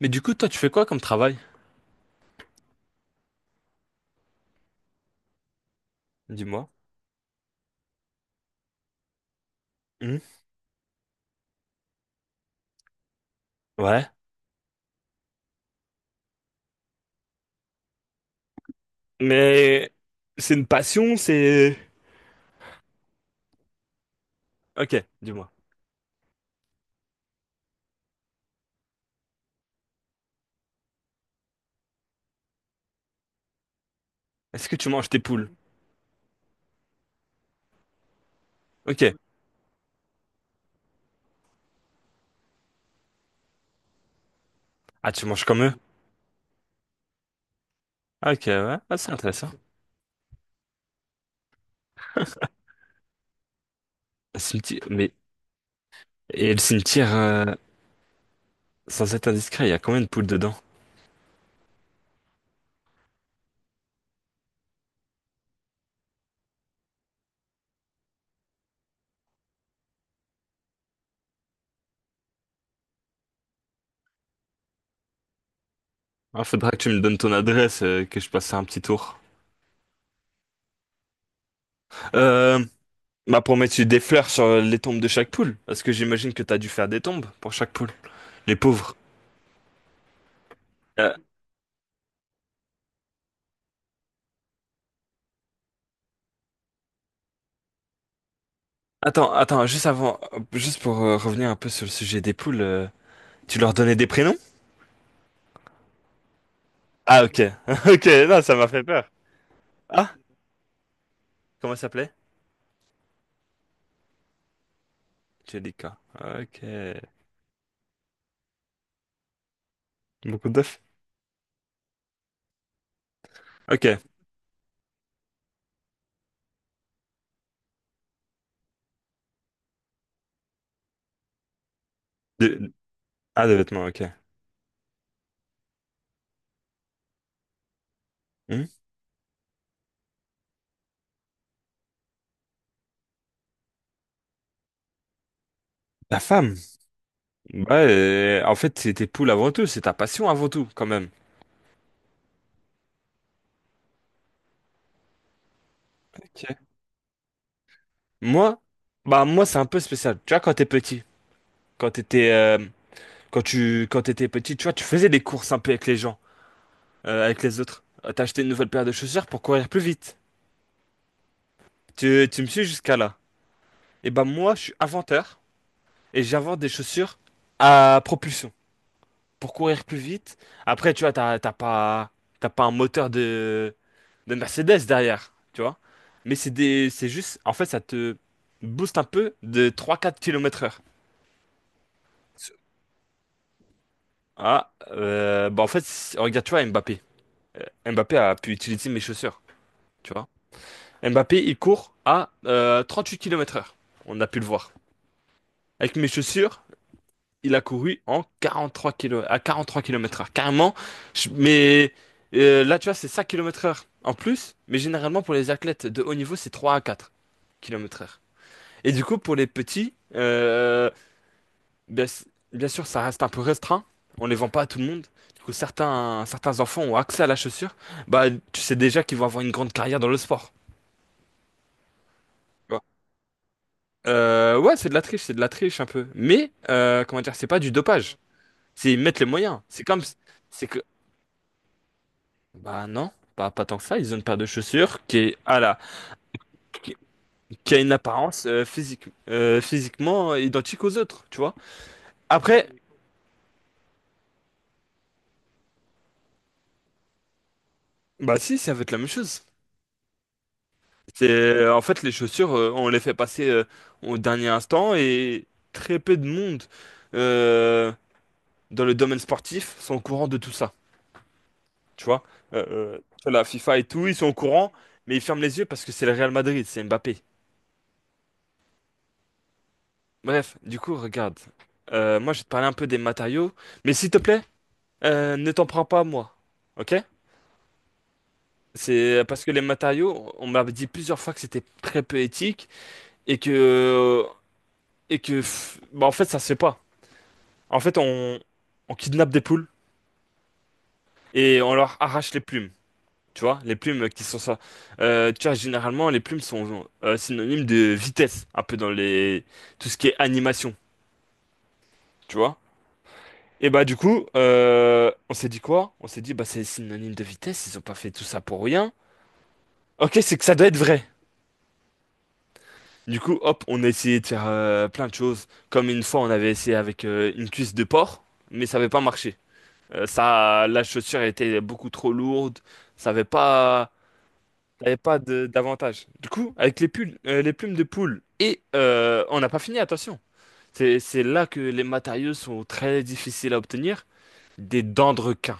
Mais du coup, toi, tu fais quoi comme travail? Dis-moi. Hmm. Ouais. Mais c'est une passion, c'est... Ok, dis-moi. Est-ce que tu manges tes poules? Ok. Ah, tu manges comme eux? Ah, ok, ouais. Ah, c'est intéressant. Le cimetière- Mais... Et le cimetière, sans être indiscret, il y a combien de poules dedans? Ah, faudra que tu me donnes ton adresse, que je passe un petit tour. Euh... Bah, pour mettre des fleurs sur les tombes de chaque poule. Parce que j'imagine que t'as dû faire des tombes pour chaque poule. Les pauvres. Euh, Attends, attends, juste avant, juste pour revenir un peu sur le sujet des poules, tu leur donnais des prénoms? Ah, ok. Ok, non, ça m'a fait peur. Ah, comment ça s'appelait? Jellica. Ok. Beaucoup d'œufs. Ok. De... Ah, des vêtements, ok. Hmm. La femme. Ouais, en fait, c'est tes poules avant tout, c'est ta passion avant tout, quand même. Ok. Moi, bah, moi, c'est un peu spécial. Tu vois, quand t'es petit, quand t'étais, euh, quand t'étais petit, tu vois, tu faisais des courses un peu avec les gens, avec les autres. T'as acheté une nouvelle paire de chaussures pour courir plus vite. Tu me suis jusqu'à là. Et ben moi, je suis inventeur et j'invente des chaussures à propulsion pour courir plus vite. Après, tu vois, t'as pas un moteur de Mercedes derrière, tu vois. Mais c'est juste, en fait, ça te booste un peu de 3 4 km/h. Ah, bah en fait, regarde, tu vois, Mbappé. Mbappé a pu utiliser mes chaussures, tu vois. Mbappé, il court à 8 km/h. On a pu le voir. Avec mes chaussures, il a couru à 43 km heure. Carrément, mais là, tu vois, c'est 5 km heure en plus, mais généralement pour les athlètes de haut niveau, c'est 3 à 4 km heure. Et du coup, pour les petits, bien, s- bien sûr, ça reste un peu restreint. On les vend pas à tout le monde. Du coup, certains enfants ont accès à la chaussure. Bah, tu sais déjà qu'ils vont avoir une grande carrière dans le sport. Tu vois. Ouais, c'est de la triche, c'est de la triche un peu. Mais, comment dire, c'est pas du dopage. C'est ils mettent les moyens. C'est comme, c'est Bah non, pas tant que ça. Ils ont une paire de chaussures qui est à la, qui, qui a une apparence physique, physiquement identique aux autres, tu vois. Après, bah si, ça va être la même chose. En fait, les chaussures, on les fait passer au dernier instant et très peu de monde euh, dans le domaine sportif sont au courant de tout ça, tu vois. Sur la FIFA et tout, ils sont au courant, mais ils ferment les yeux parce que c'est le Real Madrid, c'est Mbappé. Bref, du coup, regarde. Moi, je vais te parler un peu des matériaux, mais s'il te plaît. Ne t'en prends pas à moi. Ok? C'est parce que les matériaux, on m'a dit plusieurs fois que c'était très peu éthique et que pff, bah en fait ça se fait pas. En fait, on kidnappe des poules et on leur arrache les plumes. Tu vois, les plumes qui sont ça. Tu vois, généralement, les plumes sont synonymes de vitesse, un peu dans les tout ce qui est animation. Tu vois? Et bah du coup, on s'est dit quoi? On s'est dit bah c'est synonyme de vitesse. Ils ont pas fait tout ça pour rien. Ok, c'est que ça doit être vrai. Du coup, hop, on a essayé de faire plein de choses. Comme une fois, on avait essayé avec une cuisse de porc, mais ça n'avait pas marché. La chaussure était beaucoup trop lourde. Ça n'avait pas, ça avait pas d'avantage. Du coup, avec les plumes de poule, et on n'a pas fini, attention. C'est là que les matériaux sont très difficiles à obtenir. Des dents de requin.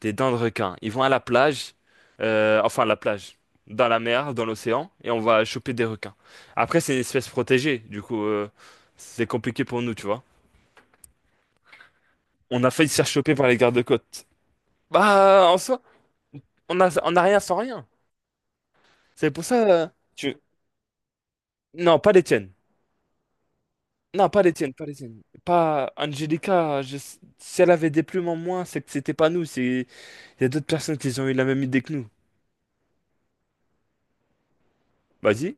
Des dents de requin. Ils vont à la plage, enfin à la plage, dans la mer, dans l'océan, et on va choper des requins. Après, c'est une espèce protégée, du coup, c'est compliqué pour nous, tu vois. On a failli se faire choper par les gardes-côtes. Bah, en soi, on a rien sans rien. C'est pour ça, tu... Non, pas les tiennes. Non, pas les tiennes, pas les tiennes. Pas Angelica, si elle avait des plumes en moins, c'est que c'était pas nous. Il y a d'autres personnes qui ont eu la même idée que nous. Vas-y,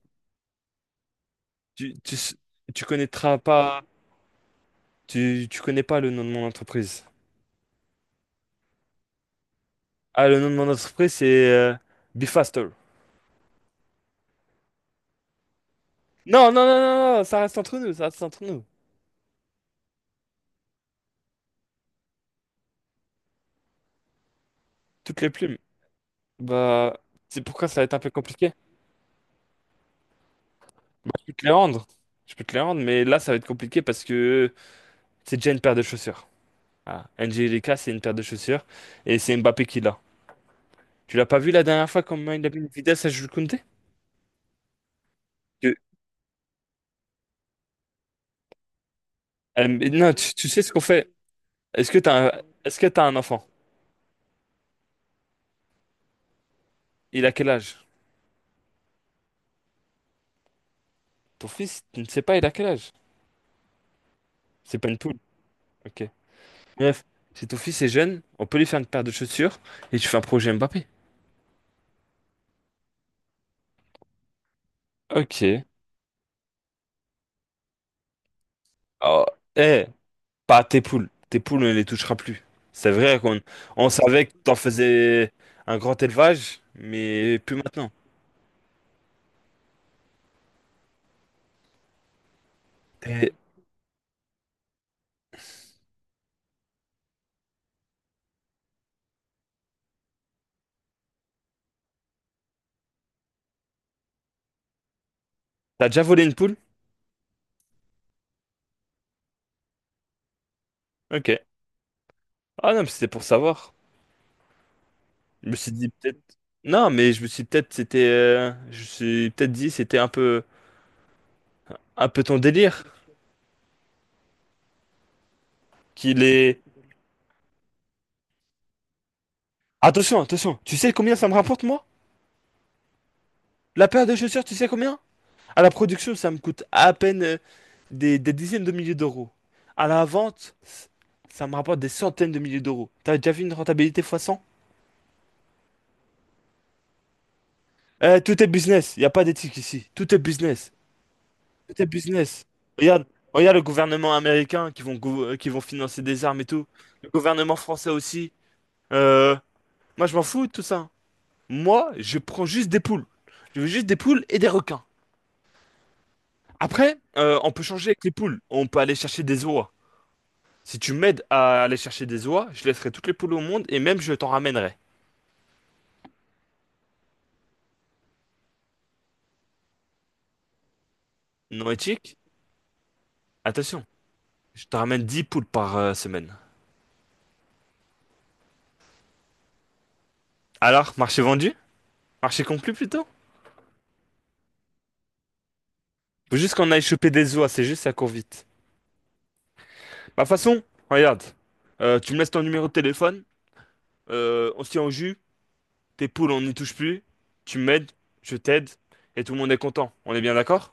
tu, tu, tu connaîtras pas. Tu connais pas le nom de mon entreprise. Ah, le nom de mon entreprise, c'est euh, Be Faster. Non, non, non, non, non, ça reste entre nous, ça reste entre nous. Toutes les plumes. Bah, c'est pourquoi ça va être un peu compliqué. Bah, je peux te les rendre. Je peux te les rendre, mais là, ça va être compliqué parce que c'est déjà une paire de chaussures. Ah, Angelica, c'est une paire de chaussures. Et c'est Mbappé qui l'a. Tu l'as pas vu la dernière fois comment il a mis une vitesse à Jules Koundé? Que- mais non, tu sais ce qu'on fait. Est-ce que t'as un enfant? Il a quel âge? Ton fils, tu ne sais pas, il a quel âge? C'est pas une poule. Ok. Bref, si ton fils est jeune, on peut lui faire une paire de chaussures et tu fais un projet Mbappé. Ok. Oh, eh, pas tes poules. Tes poules, on les touchera plus. C'est vrai qu'on on savait que t'en faisais un grand élevage, mais plus maintenant. T'es- T'as déjà volé une poule? Ok. Ah non, mais c'était pour savoir. Je me suis dit peut-être. Non, mais je me suis peut-être dit c'était un peu ton délire. Qu'il est. Attention, attention. Tu sais combien ça me rapporte moi? La paire de chaussures, tu sais combien? À la production, ça me coûte à peine des dizaines de milliers d'euros. À la vente, ça me rapporte des centaines de milliers d'euros. T'as déjà vu une rentabilité fois 100? Tout est business. Il n'y a pas d'éthique ici. Tout est business. Tout est business. Regarde, regarde le gouvernement américain qui vont financer des armes et tout. Le gouvernement français aussi. Euh, Moi, je m'en fous de tout ça. Moi, je prends juste des poules. Je veux juste des poules et des requins. Après, on peut changer avec les poules. On peut aller chercher des oies. Si tu m'aides à aller chercher des oies, je laisserai toutes les poules au monde et même je t'en ramènerai. Non éthique? Attention, je te ramène 10 poules par semaine. Alors, marché vendu? Marché conclu plutôt? Faut juste qu'on aille choper des oies, c'est juste ça court vite. Bah façon, regarde, tu me laisses ton numéro de téléphone, on se tient au jus, tes poules on n'y touche plus, tu m'aides, je t'aide, et tout le monde est content. On est bien d'accord?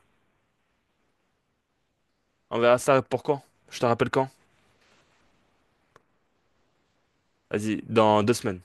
On verra ça pour quand? Je te rappelle quand? Vas-y, dans 2 semaines.